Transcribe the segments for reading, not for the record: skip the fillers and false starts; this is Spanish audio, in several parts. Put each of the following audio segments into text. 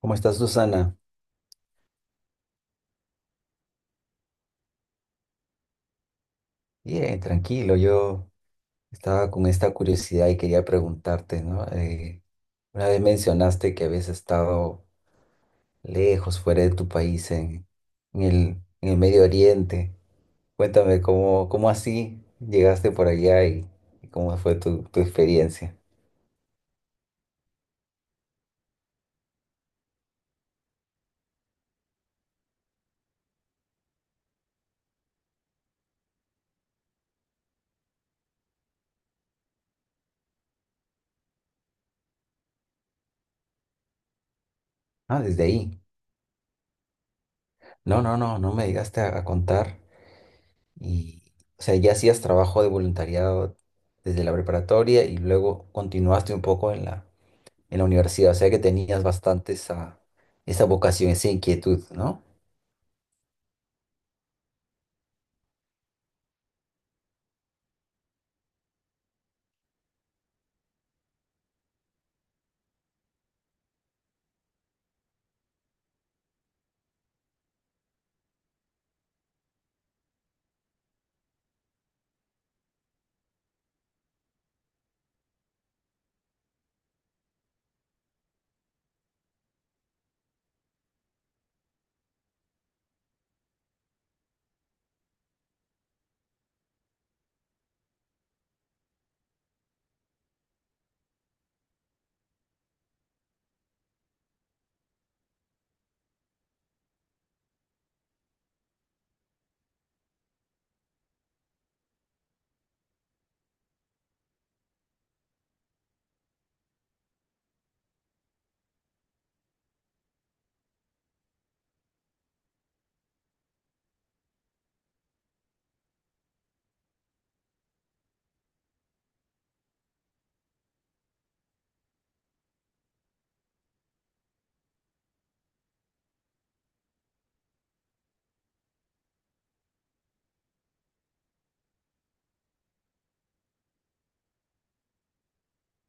¿Cómo estás, Susana? Bien, tranquilo. Yo estaba con esta curiosidad y quería preguntarte, ¿no? Una vez mencionaste que habías estado lejos, fuera de tu país, en el, en el Medio Oriente. Cuéntame, ¿ cómo así llegaste por allá y cómo fue tu experiencia? Ah, desde ahí. No, no, no, no me llegaste a contar. Y, o sea, ya hacías trabajo de voluntariado desde la preparatoria y luego continuaste un poco en la universidad, o sea que tenías bastante esa vocación, esa inquietud, ¿no?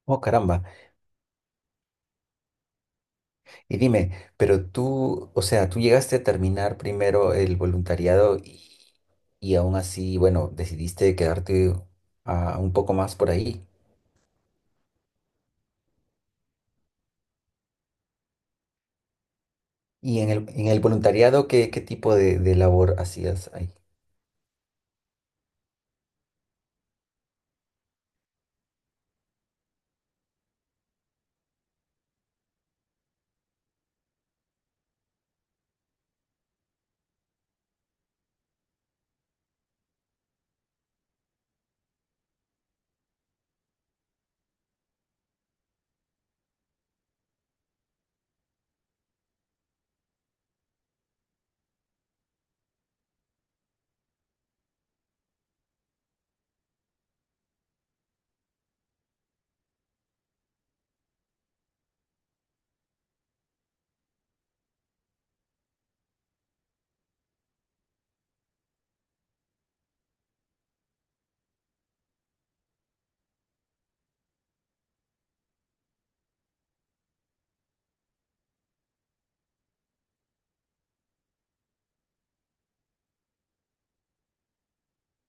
Oh, caramba. Y dime, pero tú, o sea, tú llegaste a terminar primero el voluntariado y aún así, bueno, decidiste quedarte ah, un poco más por ahí. Y en en el voluntariado, ¿ qué tipo de labor hacías ahí?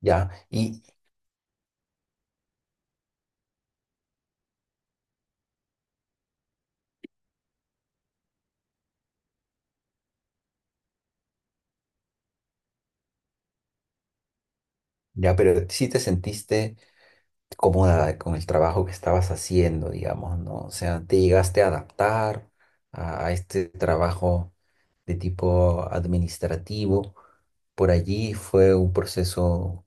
Ya, y ya, pero sí te sentiste cómoda con el trabajo que estabas haciendo, digamos, ¿no? O sea, te llegaste a adaptar a este trabajo de tipo administrativo. ¿Por allí fue un proceso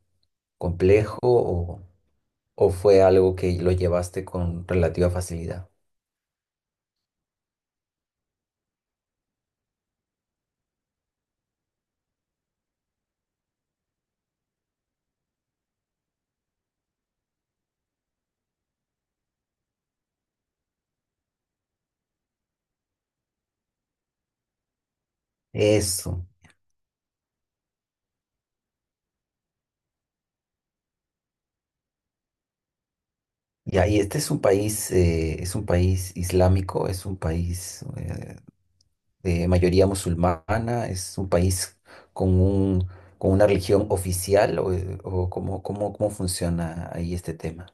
complejo o fue algo que lo llevaste con relativa facilidad? Eso. Y ahí este es un país islámico, es un país de mayoría musulmana, es un país con un, con una religión oficial o cómo, cómo, cómo funciona ahí este tema.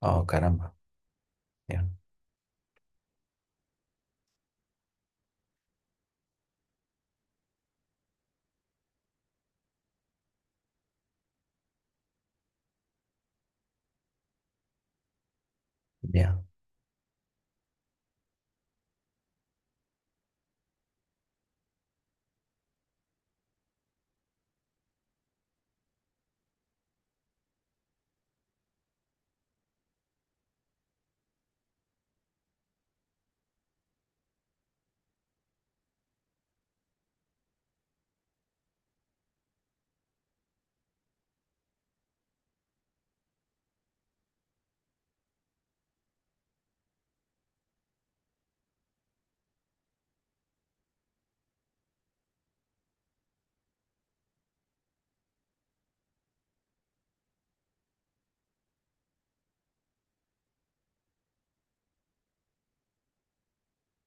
Oh, caramba. Ya, ya.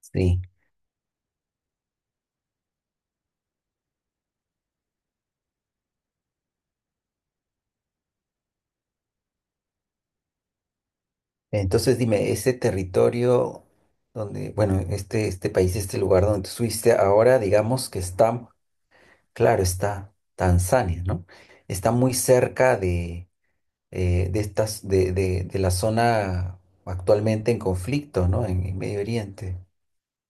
Sí. Entonces dime, ese territorio donde, bueno, este país, este lugar donde tú estuviste ahora, digamos que está, claro, está Tanzania, ¿no? Está muy cerca de estas, de la zona actualmente en conflicto, ¿no? En Medio Oriente,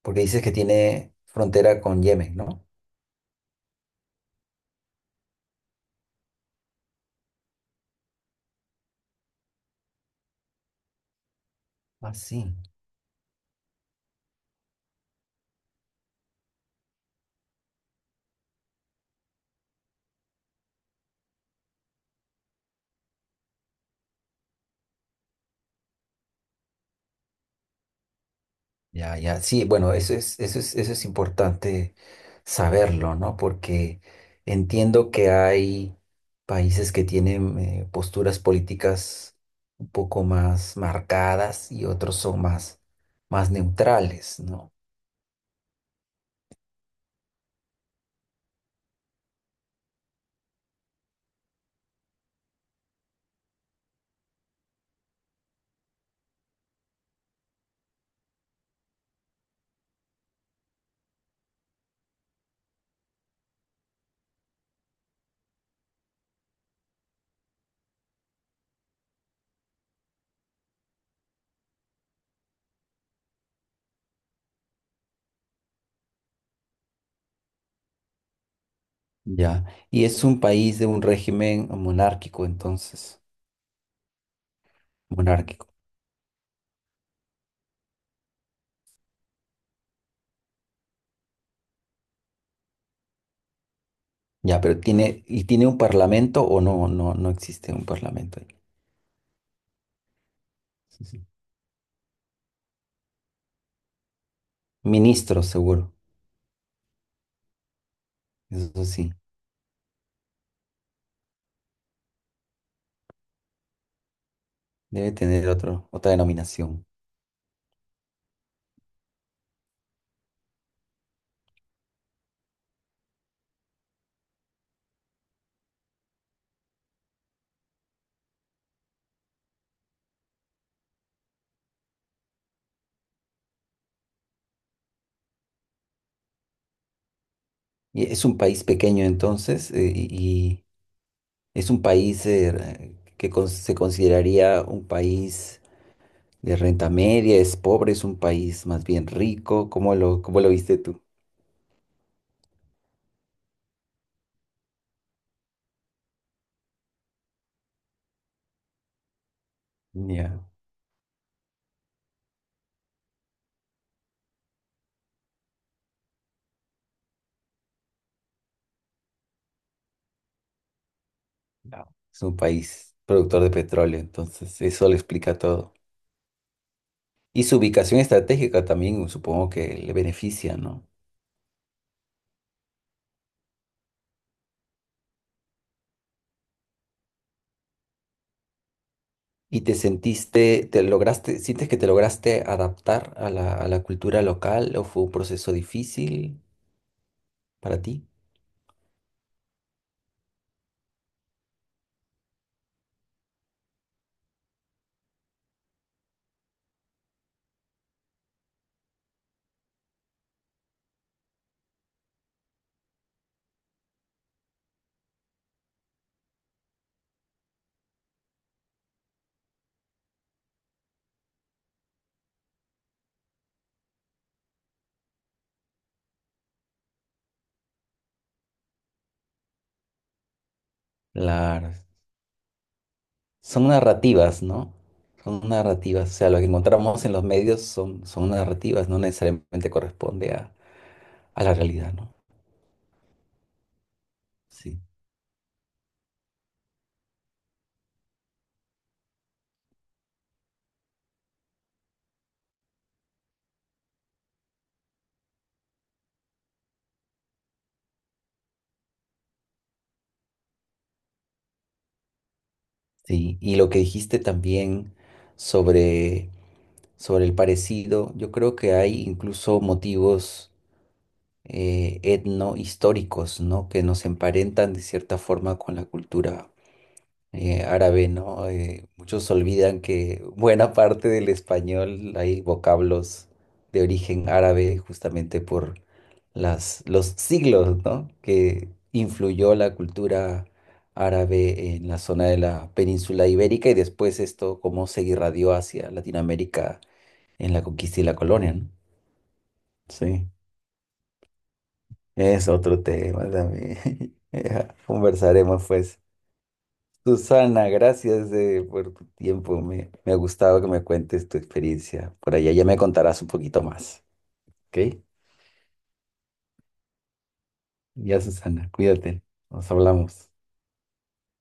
porque dices que tiene frontera con Yemen, ¿no? Ah, sí. Ya, ya, sí, bueno, eso es, eso es, eso es importante saberlo, ¿no? Porque entiendo que hay países que tienen posturas políticas un poco más marcadas y otros son más, más neutrales, ¿no? Ya, y es un país de un régimen monárquico, entonces, monárquico. Ya, pero tiene, ¿y tiene un parlamento o no? No, no existe un parlamento ahí. Sí, sí. Ministros, seguro, eso sí. Debe tener otro, otra denominación. Y es un país pequeño entonces, y es un país se consideraría un país de renta media, es pobre, es un país más bien rico. ¿Cómo cómo lo viste tú? Ya. No. Es un país productor de petróleo, entonces eso lo explica todo. Y su ubicación estratégica también supongo que le beneficia, ¿no? ¿Y te sentiste, te lograste, sientes que te lograste adaptar a a la cultura local o fue un proceso difícil para ti? Claro. Son narrativas, ¿no? Son narrativas. O sea, lo que encontramos en los medios son, son narrativas, no necesariamente corresponde a la realidad, ¿no? Sí. Sí. Y lo que dijiste también sobre, sobre el parecido, yo creo que hay incluso motivos. Etnohistóricos, ¿no? Que nos emparentan de cierta forma con la cultura árabe, ¿no? Muchos olvidan que buena parte del español hay vocablos de origen árabe justamente por los siglos, ¿no? Que influyó la cultura árabe en la zona de la península ibérica y después esto cómo se irradió hacia Latinoamérica en la conquista y la colonia, ¿no? Sí. Es otro tema también. Ya, conversaremos pues. Susana, gracias por tu tiempo. Me ha gustado que me cuentes tu experiencia. Por allá ya me contarás un poquito más. ¿Ok? Ya, Susana, cuídate. Nos hablamos.